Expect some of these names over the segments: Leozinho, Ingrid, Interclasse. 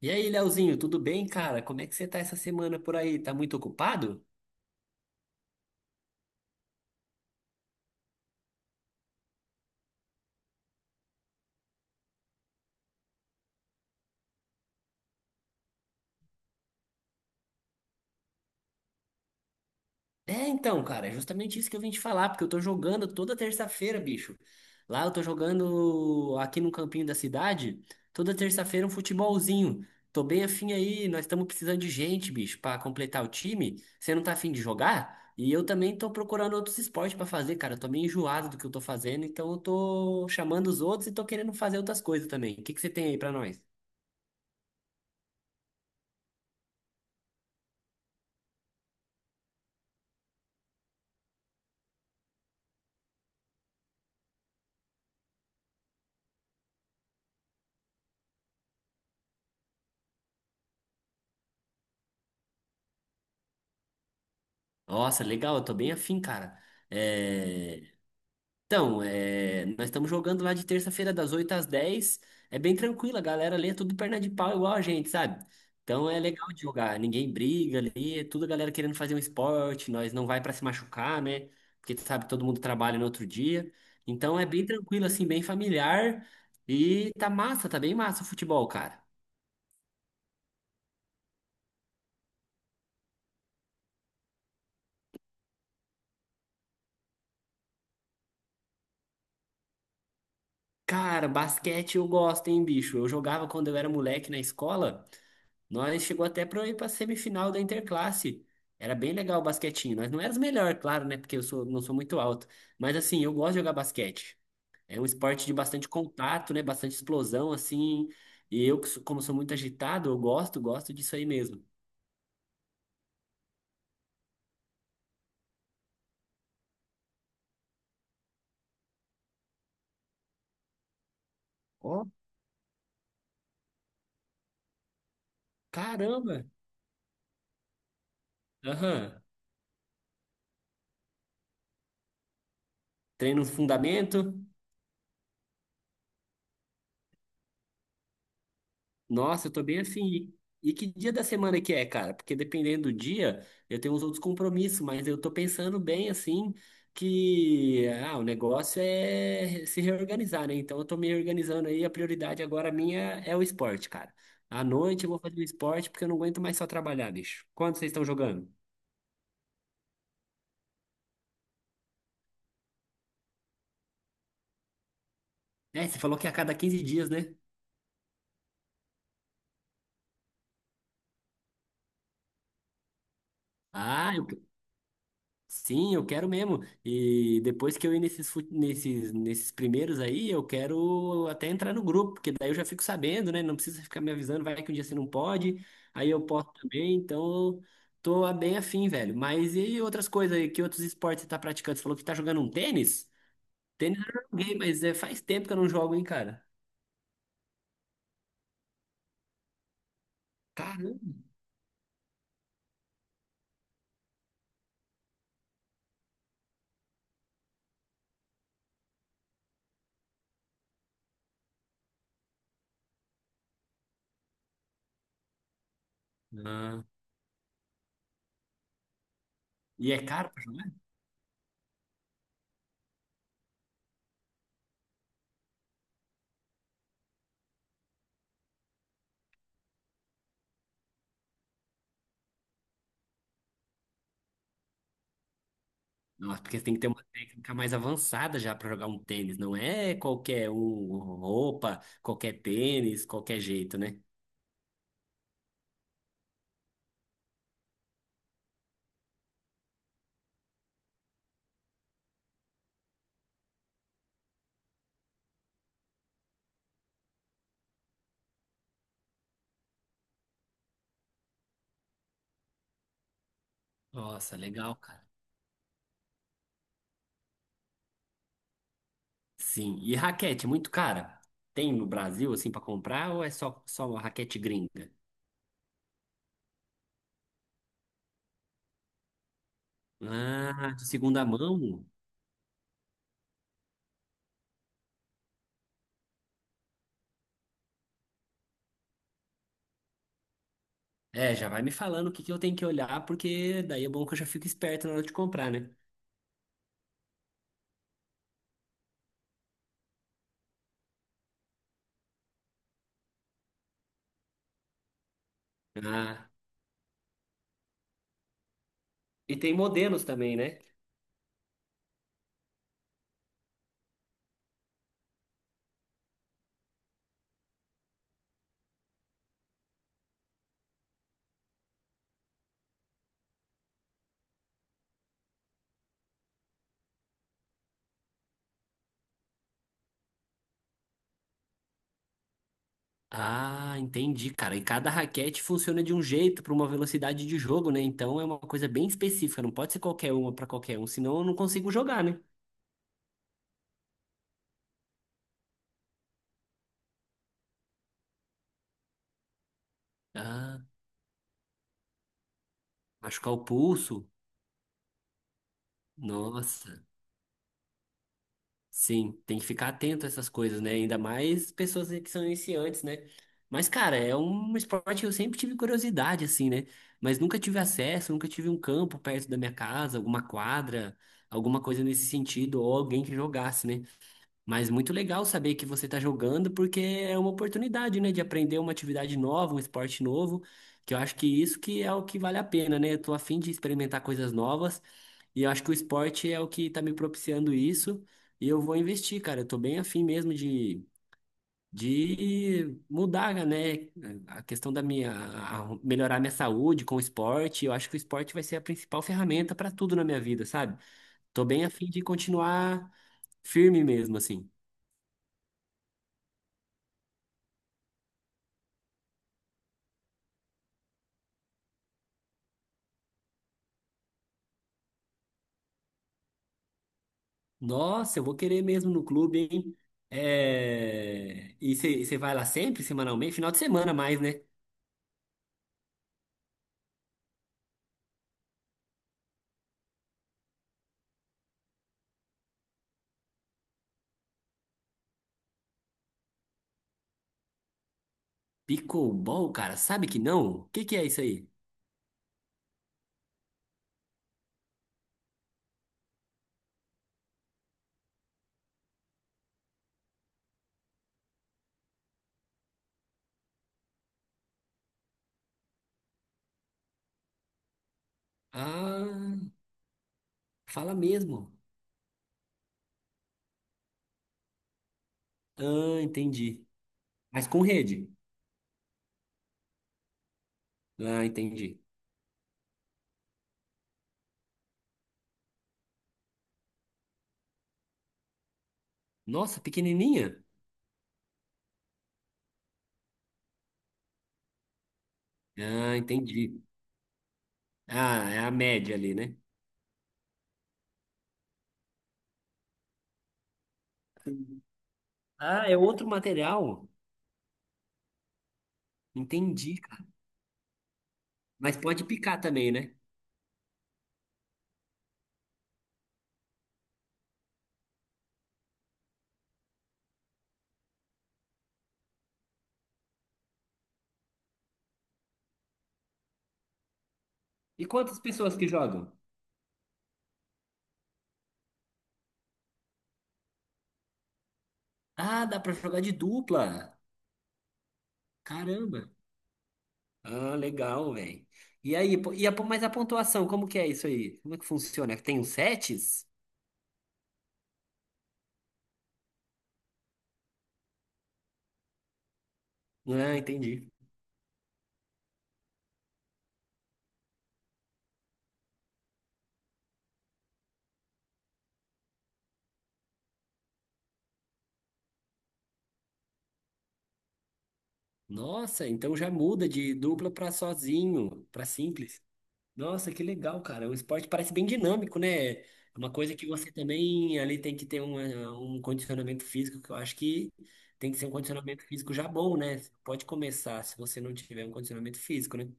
E aí, Leozinho, tudo bem, cara? Como é que você tá essa semana por aí? Tá muito ocupado? É, então, cara, é justamente isso que eu vim te falar, porque eu tô jogando toda terça-feira, bicho. Lá eu tô jogando aqui no campinho da cidade, toda terça-feira um futebolzinho. Tô bem afim aí, nós estamos precisando de gente, bicho, pra completar o time. Você não tá afim de jogar? E eu também tô procurando outros esportes pra fazer, cara. Eu tô meio enjoado do que eu tô fazendo, então eu tô chamando os outros e tô querendo fazer outras coisas também. O que que você tem aí pra nós? Nossa, legal, eu tô bem afim, cara. É, então, é, nós estamos jogando lá de terça-feira das 8 às 10. É bem tranquilo, a galera ali é tudo perna de pau igual a gente, sabe? Então é legal de jogar, ninguém briga ali, é tudo a galera querendo fazer um esporte, nós não vai pra se machucar, né? Porque tu sabe, todo mundo trabalha no outro dia. Então é bem tranquilo, assim, bem familiar. E tá massa, tá bem massa o futebol, cara. Cara, basquete eu gosto, hein, bicho? Eu jogava quando eu era moleque na escola. Nós chegou até para ir para semifinal da Interclasse. Era bem legal o basquetinho. Nós não éramos melhor, claro, né? Porque eu sou, não sou muito alto. Mas assim, eu gosto de jogar basquete. É um esporte de bastante contato, né? Bastante explosão, assim. E eu, que como sou muito agitado, eu gosto, gosto disso aí mesmo. Ó, caramba! Aham. Treino fundamento. Nossa, eu tô bem afim. E que dia da semana que é, cara? Porque dependendo do dia, eu tenho uns outros compromissos, mas eu tô pensando bem assim que ah, o negócio é se reorganizar, né? Então eu tô me organizando aí, a prioridade agora minha é o esporte, cara. À noite eu vou fazer o esporte porque eu não aguento mais só trabalhar, bicho. Quando vocês estão jogando? É, você falou que é a cada 15 dias, né? Ah, sim, eu quero mesmo. E depois que eu ir nesses, nesses primeiros aí, eu quero até entrar no grupo, porque daí eu já fico sabendo, né? Não precisa ficar me avisando, vai que um dia você não pode, aí eu posso também, então eu tô bem afim, velho. Mas e outras coisas aí, que outros esportes você tá praticando? Você falou que tá jogando um tênis? Tênis eu já joguei, mas é, faz tempo que eu não jogo, hein, cara? Caramba. Ah, e é caro? Nossa, porque tem que ter uma técnica mais avançada já para jogar um tênis, não é qualquer um, roupa, qualquer tênis, qualquer jeito, né? Nossa, legal, cara. Sim, e raquete, muito cara. Tem no Brasil assim para comprar ou é só uma raquete gringa? Ah, de segunda mão? É, já vai me falando o que que eu tenho que olhar, porque daí é bom que eu já fico esperto na hora de comprar, né? Ah, e tem modelos também, né? Ah, entendi, cara. E cada raquete funciona de um jeito para uma velocidade de jogo, né? Então é uma coisa bem específica, não pode ser qualquer uma para qualquer um, senão eu não consigo jogar, né? Ah, machucar o pulso. Nossa. Sim, tem que ficar atento a essas coisas, né? Ainda mais pessoas que são iniciantes, né? Mas, cara, é um esporte que eu sempre tive curiosidade, assim, né? Mas nunca tive acesso, nunca tive um campo perto da minha casa, alguma quadra, alguma coisa nesse sentido, ou alguém que jogasse, né? Mas muito legal saber que você está jogando, porque é uma oportunidade, né, de aprender uma atividade nova, um esporte novo, que eu acho que isso que é o que vale a pena, né? Eu tô a fim de experimentar coisas novas, e eu acho que o esporte é o que está me propiciando isso, e eu vou investir, cara. Eu tô bem a fim mesmo de mudar, né, a questão da minha, melhorar minha saúde com o esporte. Eu acho que o esporte vai ser a principal ferramenta para tudo na minha vida, sabe? Tô bem a fim de continuar firme mesmo, assim. Nossa, eu vou querer mesmo no clube, hein? É... E você vai lá sempre, semanalmente? Final de semana mais, né? Pickleball, cara, sabe que não? O que que é isso aí? Ah, fala mesmo. Ah, entendi. Mas com rede? Ah, entendi. Nossa, pequenininha? Ah, entendi. Ah, é a média ali, né? Ah, é outro material? Entendi, cara. Mas pode picar também, né? E quantas pessoas que jogam? Ah, dá pra jogar de dupla. Caramba. Ah, legal, velho. E aí, mas a pontuação, como que é isso aí? Como é que funciona? Tem os sets? Ah, entendi. Nossa, então já muda de dupla para sozinho, para simples. Nossa, que legal, cara. O esporte parece bem dinâmico, né? É uma coisa que você também ali tem que ter um, eh, um condicionamento físico, que eu acho que tem que ser um condicionamento físico já bom, né? Pode começar se você não tiver um condicionamento físico, né?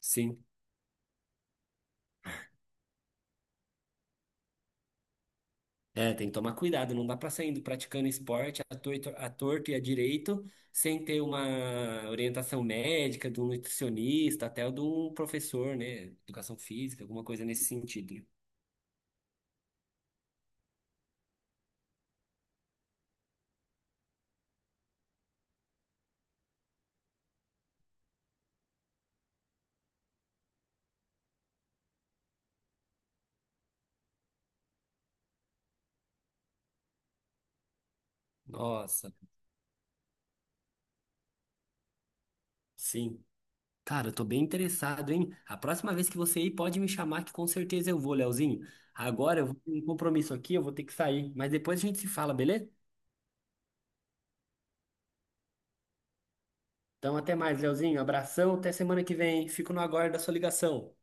Sim. É, tem que tomar cuidado, não dá pra sair indo praticando esporte a torto e a direito sem ter uma orientação médica, de um nutricionista, até de um professor, né? Educação física, alguma coisa nesse sentido, né? Nossa, sim. Cara, eu tô bem interessado, hein? A próxima vez que você ir, pode me chamar, que com certeza eu vou, Leozinho. Agora eu vou ter um compromisso aqui, eu vou ter que sair, mas depois a gente se fala, beleza? Então, até mais, Leozinho. Abração, até semana que vem. Fico no aguardo da sua ligação.